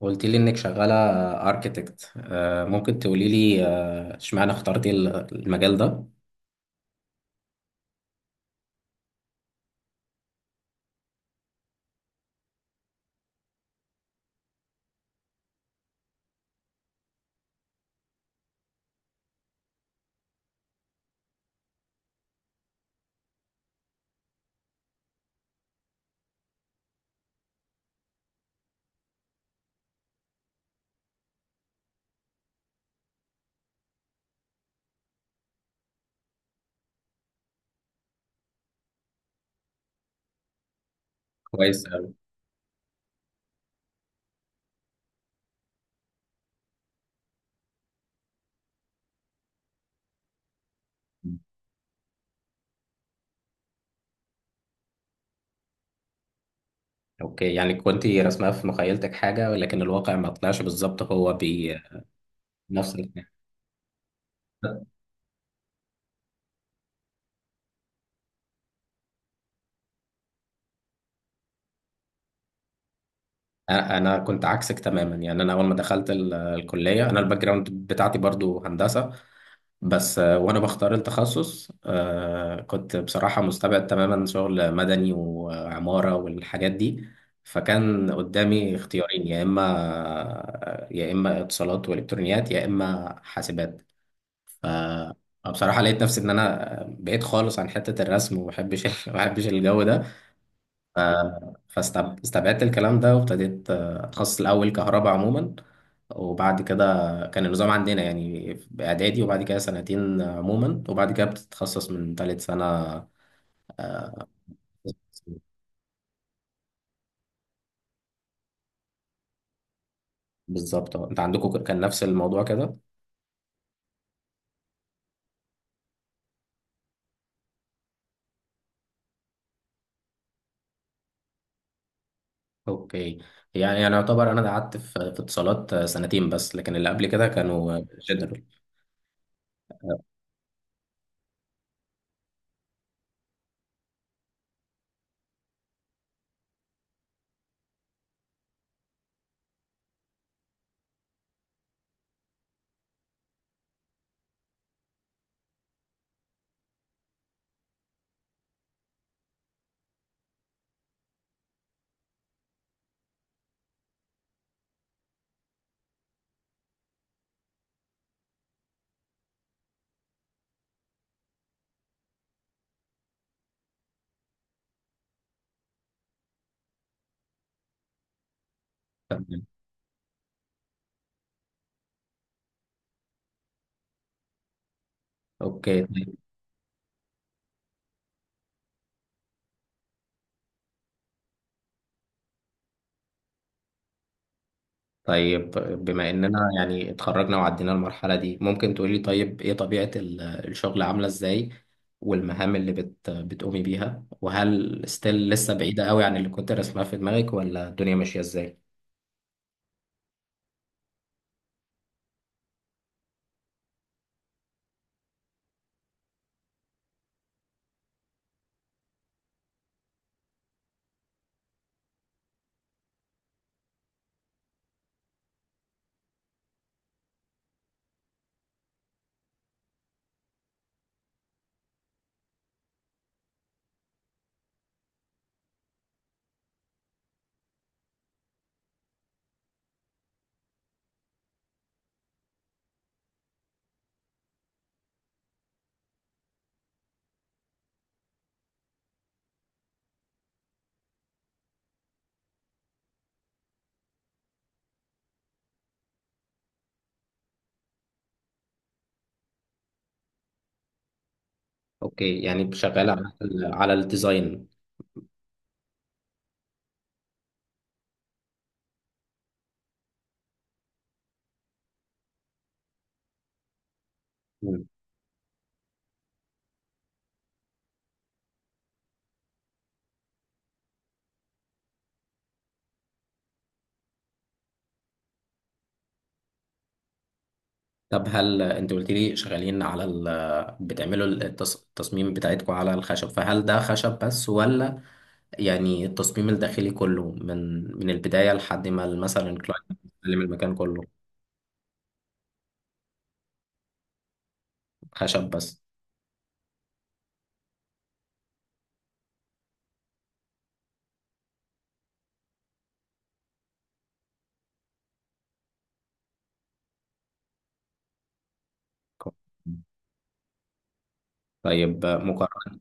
قلت لي انك شغاله اركيتكت. ممكن تقولي لي اشمعنى اخترتي المجال ده؟ كويس أوي. اوكي، يعني كنت رسمها في مخيلتك حاجه، ولكن الواقع ما طلعش بالظبط، هو بنفس الاثنين. انا كنت عكسك تماما، يعني انا اول ما دخلت الكليه انا الباك جراوند بتاعتي برضو هندسه. بس وانا بختار التخصص، كنت بصراحه مستبعد تماما شغل مدني وعماره والحاجات دي. فكان قدامي اختيارين، يا اما اتصالات والكترونيات يا اما حاسبات. ف بصراحه لقيت نفسي ان انا بعيد خالص عن حته الرسم وما بحبش ما بحبش الجو ده. ف- فاستبعدت الكلام ده، وابتديت اتخصص الاول كهرباء عموما. وبعد كده كان النظام عندنا يعني باعدادي، وبعد كده سنتين عموما، وبعد كده بتتخصص من ثالث سنه. بالظبط أه. انت عندكم كان نفس الموضوع كده؟ اوكي، يعني يعتبر انا قعدت في اتصالات سنتين بس، لكن اللي قبل كده كانوا جنرال. تمام. اوكي طيب، بما اننا يعني اتخرجنا وعدينا المرحلة دي، ممكن تقولي طيب ايه طبيعة الشغل عاملة ازاي، والمهام اللي بتقومي بيها، وهل ستيل لسه بعيدة قوي عن اللي كنت رسمها في دماغك، ولا الدنيا ماشية ازاي؟ اوكي، يعني شغالة على الديزاين. طب هل انت قلت لي شغالين بتعملوا التصميم بتاعتكم على الخشب، فهل ده خشب بس، ولا يعني التصميم الداخلي كله من البداية لحد ما مثلا الكلاينت يستلم المكان كله؟ خشب بس. طيب مقارنة.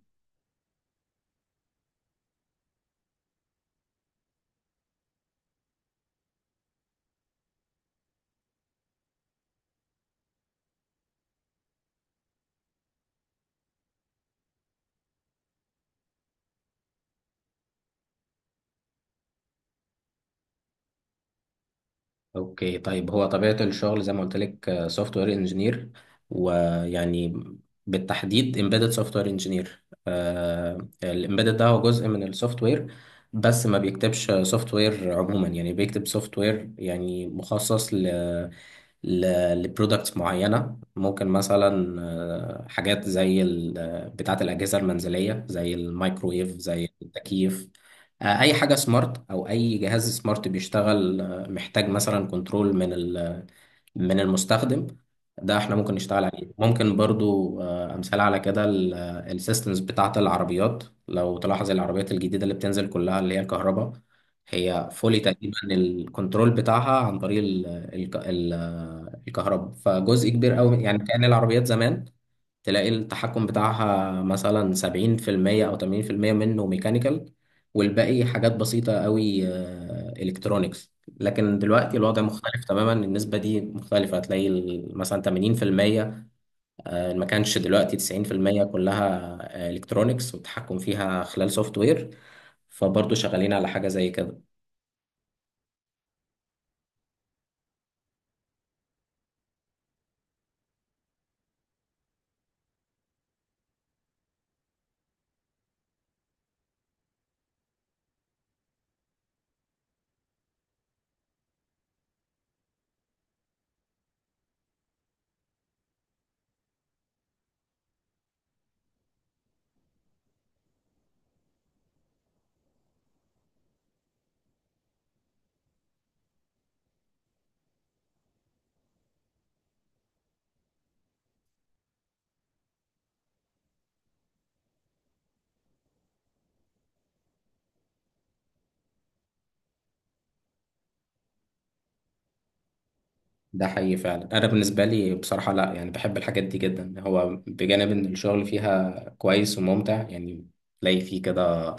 اوكي طيب، هو طبيعة الشغل زي ما قلت لك سوفت وير انجينير، ويعني بالتحديد امبيدد سوفت وير انجينير. الامبيدد ده هو جزء من السوفت وير، بس ما بيكتبش سوفت وير عموما، يعني بيكتب سوفت وير يعني مخصص لبرودكتس معينة. ممكن مثلا حاجات زي ال- آه، بتاعة الأجهزة المنزلية زي الميكرويف زي التكييف. أي حاجة سمارت أو أي جهاز سمارت بيشتغل، محتاج مثلا كنترول من المستخدم. ده احنا ممكن نشتغل عليه، ممكن برضو امثال على كده السيستمز بتاعه العربيات. لو تلاحظ العربيات الجديده اللي بتنزل كلها اللي هي الكهرباء، هي فولي تقريبا الكنترول بتاعها عن طريق الكهرباء. فجزء كبير قوي، يعني كأن العربيات زمان تلاقي التحكم بتاعها مثلا 70% أو 80% منه ميكانيكال، والباقي حاجات بسيطة قوي، إلكترونيكس. لكن دلوقتي الوضع مختلف تماما، النسبة دي مختلفة، هتلاقي مثلا 80%، ما كانش، دلوقتي 90% كلها إلكترونيكس والتحكم فيها خلال سوفت وير. فبرضه شغالين على حاجة زي كده. ده حقيقي فعلا. انا بالنسبه لي بصراحه، لا يعني بحب الحاجات دي جدا، هو بجانب ان الشغل فيها كويس وممتع، يعني تلاقي فيه كده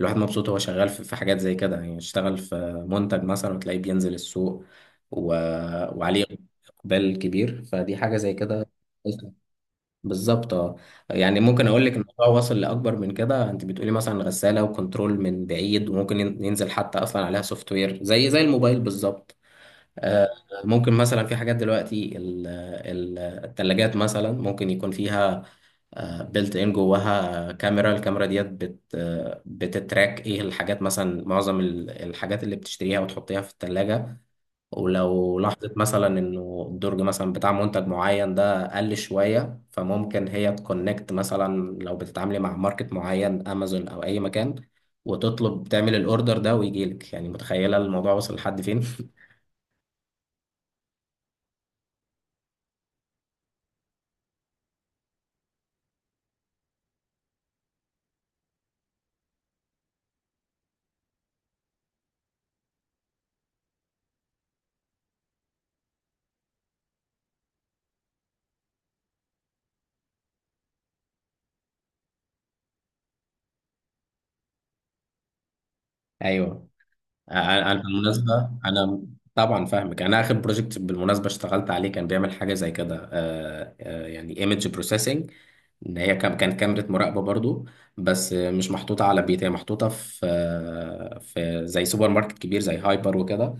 الواحد مبسوط هو شغال في حاجات زي كده. يعني اشتغل في منتج مثلا، وتلاقيه بينزل السوق و... وعليه اقبال كبير، فدي حاجه زي كده. بالظبط اه. يعني ممكن اقول لك الموضوع وصل لاكبر من كده. انت بتقولي مثلا غساله وكنترول من بعيد، وممكن ينزل حتى اصلا عليها سوفت وير زي الموبايل بالظبط. آه، ممكن مثلا في حاجات دلوقتي التلاجات، مثلا ممكن يكون فيها بلت ان جواها كاميرا، الكاميرا ديت بت آه، بتتراك ايه الحاجات، مثلا معظم الحاجات اللي بتشتريها وتحطيها في التلاجة. ولو لاحظت مثلا انه الدرج مثلا بتاع منتج معين ده قل شوية، فممكن هي تكونكت مثلا لو بتتعاملي مع ماركت معين، امازون او اي مكان، وتطلب تعمل الاوردر ده ويجيلك. يعني متخيلة الموضوع وصل لحد فين؟ ايوه. انا بالمناسبه طبعا فاهمك. انا اخر بروجكت بالمناسبه اشتغلت عليه كان بيعمل حاجه زي كده، يعني ايمج بروسيسنج. ان هي كانت كاميرا مراقبه برضو، بس مش محطوطه على بيت، هي محطوطه في في زي سوبر ماركت كبير زي هايبر وكده.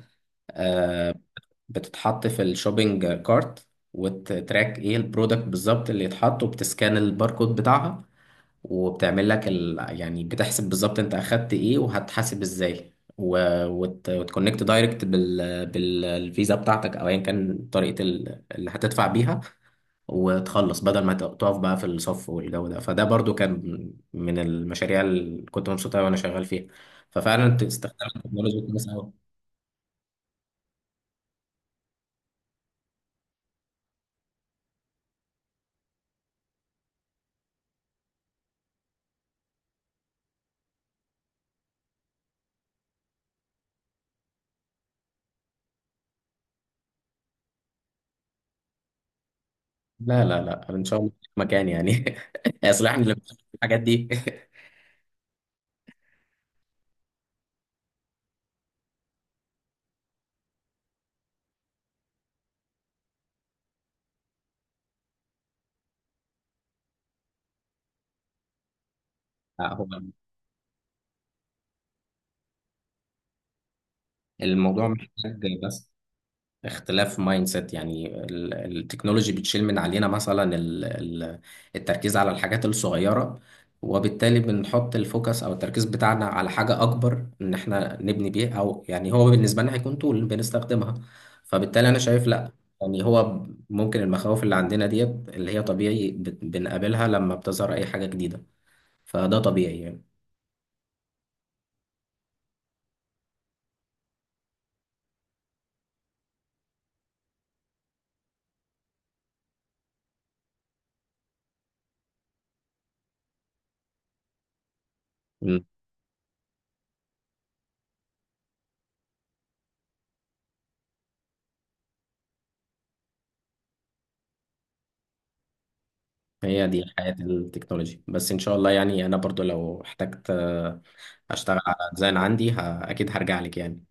بتتحط في الشوبينج كارت، وتراك ايه البرودكت بالظبط اللي يتحط، وبتسكان الباركود بتاعها، وبتعمل لك يعني بتحسب بالظبط انت اخدت ايه، وهتحاسب ازاي، و... وت... وتكونكت دايركت بالفيزا بتاعتك، او ايا كان طريقة اللي هتدفع بيها، وتخلص بدل ما تقف بقى في الصف والجو ده. فده برضو كان من المشاريع اللي كنت مبسوط قوي وانا شغال فيها. ففعلا، انت استخدام التكنولوجيا كويس قوي. لا لا لا، ان شاء الله في مكان يعني. يصلحني للحاجات دي. هو الموضوع محتاج بس اختلاف مايند سيت. يعني التكنولوجي بتشيل من علينا مثلا التركيز على الحاجات الصغيرة، وبالتالي بنحط الفوكس او التركيز بتاعنا على حاجة اكبر ان احنا نبني بيه، او يعني هو بالنسبة لنا هيكون طول بنستخدمها. فبالتالي انا شايف لا، يعني هو ممكن المخاوف اللي عندنا ديت اللي هي طبيعي بنقابلها لما بتظهر اي حاجة جديدة، فده طبيعي يعني. هي دي حياة التكنولوجي بس، ان شاء الله يعني. انا برضو لو احتجت اشتغل على ديزاين عندي اكيد هرجع لك يعني.